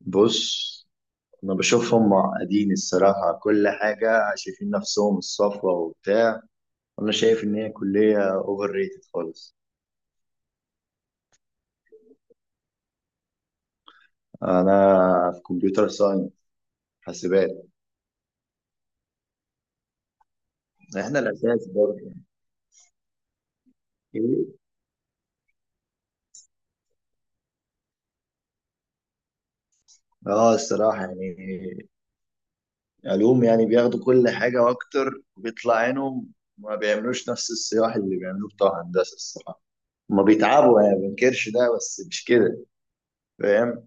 بص، انا بشوف هم قاعدين الصراحه كل حاجه، شايفين نفسهم الصفوه وبتاع. انا شايف ان هي كليه اوفر ريتد خالص. انا في كمبيوتر ساينس، حاسبات. احنا الاساس برضه. إيه؟ اه الصراحه يعني علوم، يعني بياخدوا كل حاجه واكتر وبيطلع عينهم. ما بيعملوش نفس الصياح اللي بيعملوه بتوع هندسه الصراحه. ما بيتعبوا يعني، ما بنكرش ده، بس مش كده، فاهم؟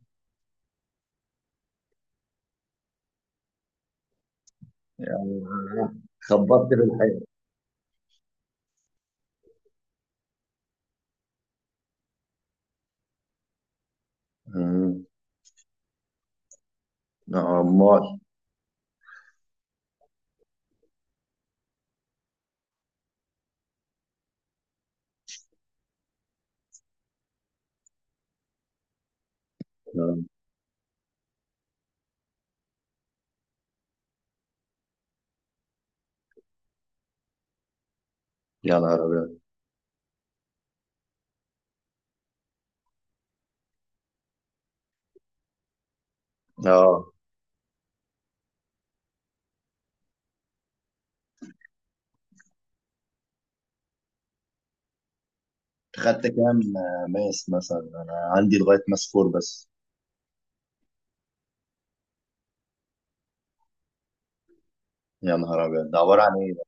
يعني خبطت في الحياه عمال آه، يا نهار أبيض. اه، خدت كام ماس مثلا؟ أنا عندي لغاية ماس 4 بس. يا نهار أبيض، ده عبارة عن إيه ده؟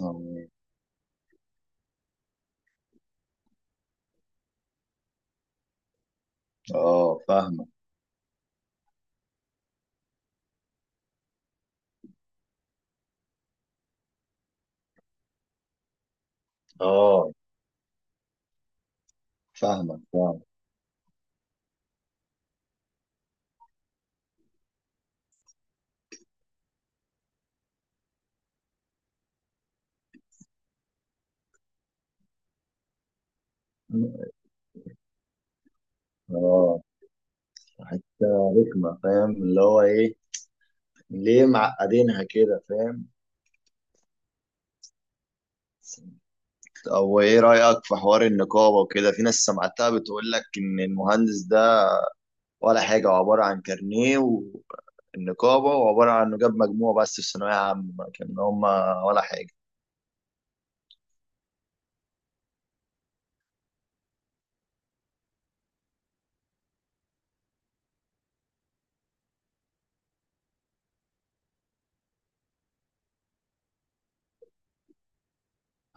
اه. فاهمك. اه، فاهمك فاهمك. اه حتة رخمة، فاهم اللي هو إيه؟ ليه معقدينها كده، فاهم؟ أو إيه رأيك في حوار النقابة وكده؟ في ناس سمعتها بتقول لك إن المهندس ده ولا حاجة، هو عبارة عن كارنيه النقابة، وعبارة عن إنه جاب مجموع بس في ثانوية عامة، كان هما ولا حاجة.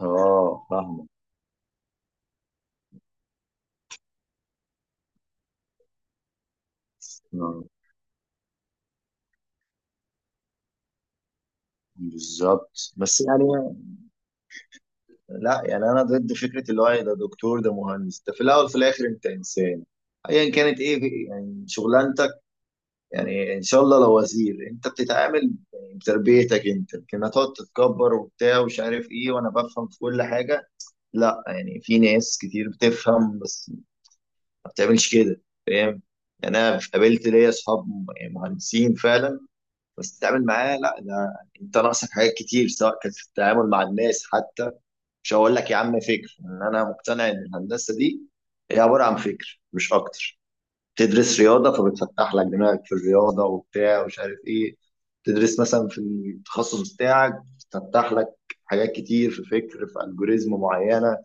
اه، فاهمك. آه، بالظبط بس يعني. لا يعني أنا ضد فكرة اللي هو إيه، ده دكتور ده مهندس، ده في الأول في الآخر أنت إنسان أيا كانت إيه يعني شغلانتك. يعني إن شاء الله لو وزير، أنت بتتعامل يعني بتربيتك أنت، لكن هتقعد تتكبر وبتاع ومش عارف إيه وأنا بفهم في كل حاجة. لا يعني في ناس كتير بتفهم، بس ما بتعملش كده. يعني انا قابلت ليا اصحاب مهندسين فعلا، بس تتعامل معاه، لا ده انت ناقصك حاجات كتير، سواء كانت في التعامل مع الناس حتى. مش هقول لك يا عم فكر ان انا مقتنع ان الهندسه دي هي عباره عن فكر مش اكتر. تدرس رياضه فبتفتح لك دماغك في الرياضه وبتاع ومش عارف ايه. تدرس مثلا في التخصص بتاعك، بتفتح لك حاجات كتير في فكر في الجوريزم معينه،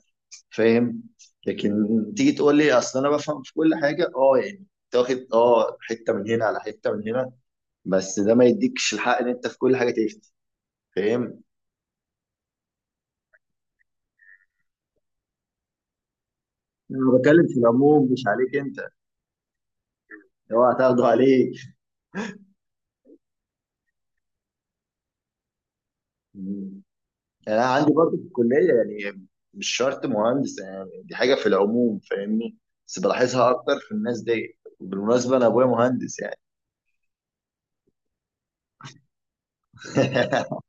فاهم؟ لكن تيجي تقول لي اصل انا بفهم في كل حاجه، اه يعني تاخد اه حته من هنا على حته من هنا، بس ده ما يديكش الحق ان انت في كل حاجه تفتي، فاهم؟ انا بتكلم في العموم مش عليك انت. اوعى تاخده عليك. مم. انا عندي برضه في الكليه يعني، مش شرط مهندس، يعني دي حاجه في العموم، فاهمني؟ بس بلاحظها اكتر في الناس دي. بالمناسبه انا ابويا مهندس يعني.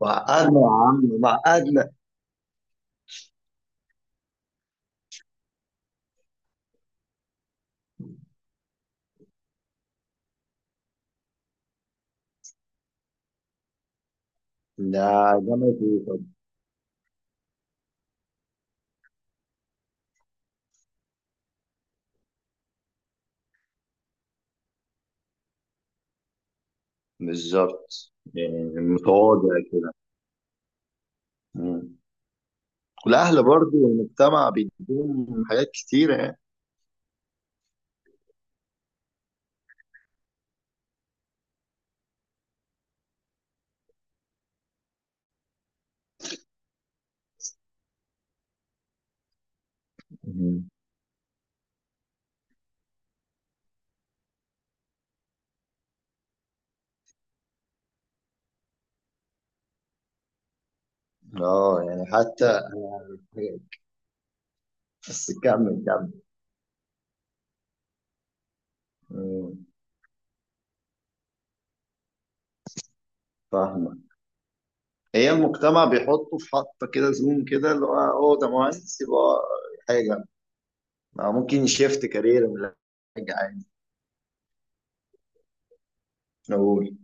وعقدنا يا عم، وعقدنا. ده جامعه ايه؟ بالظبط يعني متواضع كده. مم. والأهل برضو والمجتمع بيديهم حاجات كتيرة يعني. مم. اه يعني حتى. بس كمل كمل. مم. فاهمة. هي المجتمع بيحطه في حطة كده زوم كده، اللي هو هو ده مهندس يبقى حاجة، ما ممكن يشيفت كارير من حاجة عادي نقول.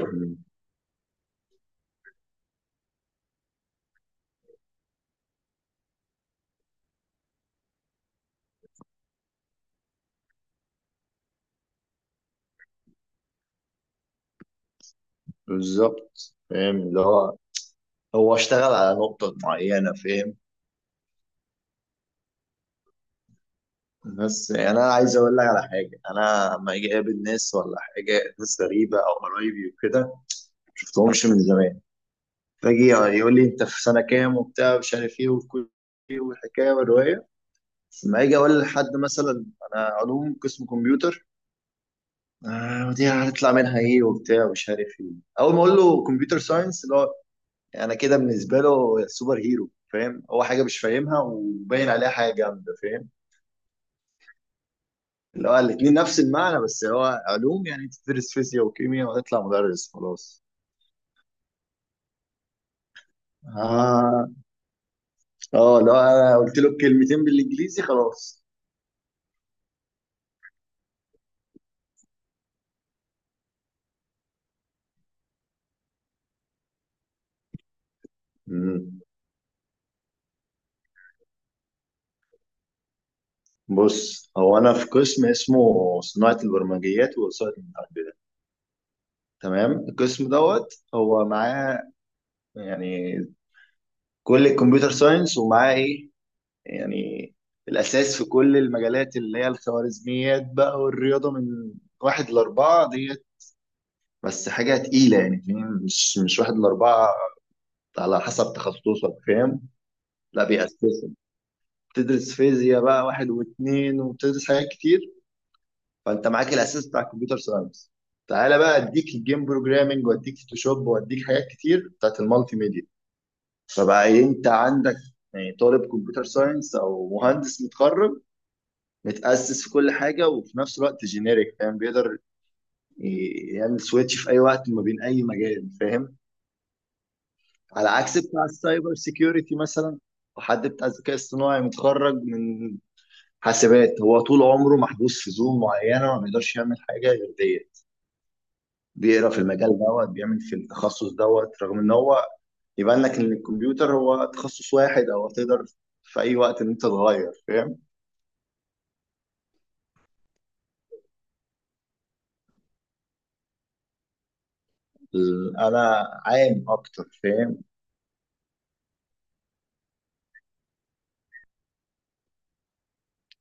مم. بالظبط، فاهم اللي هو هو اشتغل على نقطة معينة، فاهم؟ بس يعني انا عايز اقول لك على حاجه، انا لما اجي اقابل ناس ولا حاجه، ناس غريبه او قرايبي وكده ما شفتهمش من زمان، فاجي يقول لي انت في سنه كام وبتاع مش عارف ايه والحكايه والروايه. لما اجي اقول لحد مثلا انا علوم قسم كمبيوتر، آه دي هتطلع منها ايه وبتاع مش عارف ايه. اول ما اقول له كمبيوتر ساينس اللي هو، يعني انا كده بالنسبه له سوبر هيرو، فاهم؟ هو حاجه مش فاهمها وباين عليها حاجه جامده، فاهم؟ اللي هو الاتنين نفس المعنى، بس هو علوم يعني تدرس فيزياء وكيمياء وتطلع مدرس خلاص. اه. اه لو انا قلت له كلمتين بالانجليزي خلاص. مم. بص، هو انا في قسم اسمه صناعة البرمجيات ووسائل المعلومات، تمام؟ القسم دوت هو معاه يعني كل الكمبيوتر ساينس، ومعاه ايه يعني الاساس في كل المجالات، اللي هي الخوارزميات بقى والرياضة من واحد لأربعة دي. بس حاجه تقيله يعني، فاهم؟ مش واحد لاربعه، على حسب تخصصك، فاهم؟ لا بيأسسوا، بتدرس فيزياء بقى واحد واثنين، وبتدرس حاجات كتير. فانت معاك الاساس بتاع الكمبيوتر ساينس، تعالى بقى اديك الجيم بروجرامنج واديك فوتوشوب واديك حاجات كتير بتاعت المالتي ميديا. فبقى انت عندك يعني طالب كمبيوتر ساينس او مهندس متخرج، متأسس في كل حاجه وفي نفس الوقت جينيريك، فاهم؟ بيقدر يعمل سويتش في اي وقت ما بين اي مجال، فاهم؟ على عكس بتاع السايبر سيكيورتي مثلا، حد بتاع الذكاء الصناعي متخرج من حاسبات، هو طول عمره محبوس في زون معينه، ما بيقدرش يعمل حاجه غير ديت. بيقرا في المجال دوت، بيعمل في التخصص دوت، رغم ان هو يبان لك ان الكمبيوتر هو تخصص واحد، او تقدر في اي وقت ان انت تغير، فاهم؟ انا عام اكتر، فاهم؟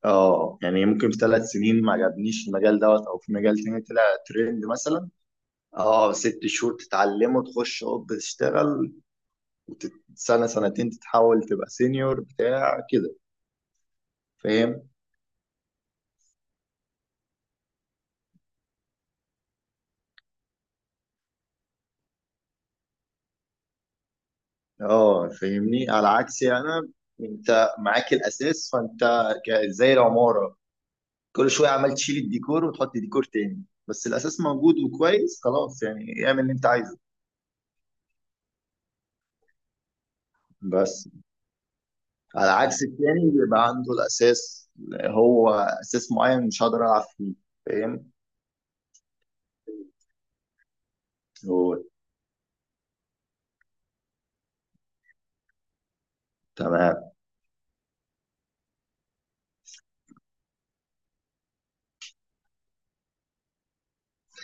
اه يعني ممكن في 3 سنين ما عجبنيش المجال دوت، او في مجال تاني طلع ترند مثلا، اه 6 شهور تتعلمه تخش اوب تشتغل، وسنة سنتين تتحول تبقى سينيور بتاع كده، فاهم؟ اه فاهمني. على عكسي انا، انت معاك الاساس فانت زي العمارة، كل شوية عمال تشيل الديكور وتحط ديكور تاني، بس الاساس موجود وكويس خلاص يعني اعمل اللي انت عايزه. بس على عكس التاني، بيبقى عنده الاساس، هو اساس معين مش هقدر العب فيه، فاهم؟ هو تمام.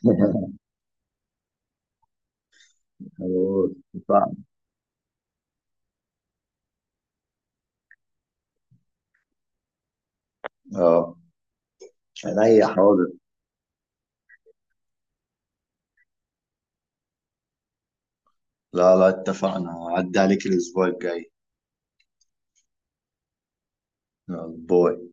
هو صح. اه عينيا حاضر. لا لا اتفقنا. عدى عليك الأسبوع الجاي. يلا باي.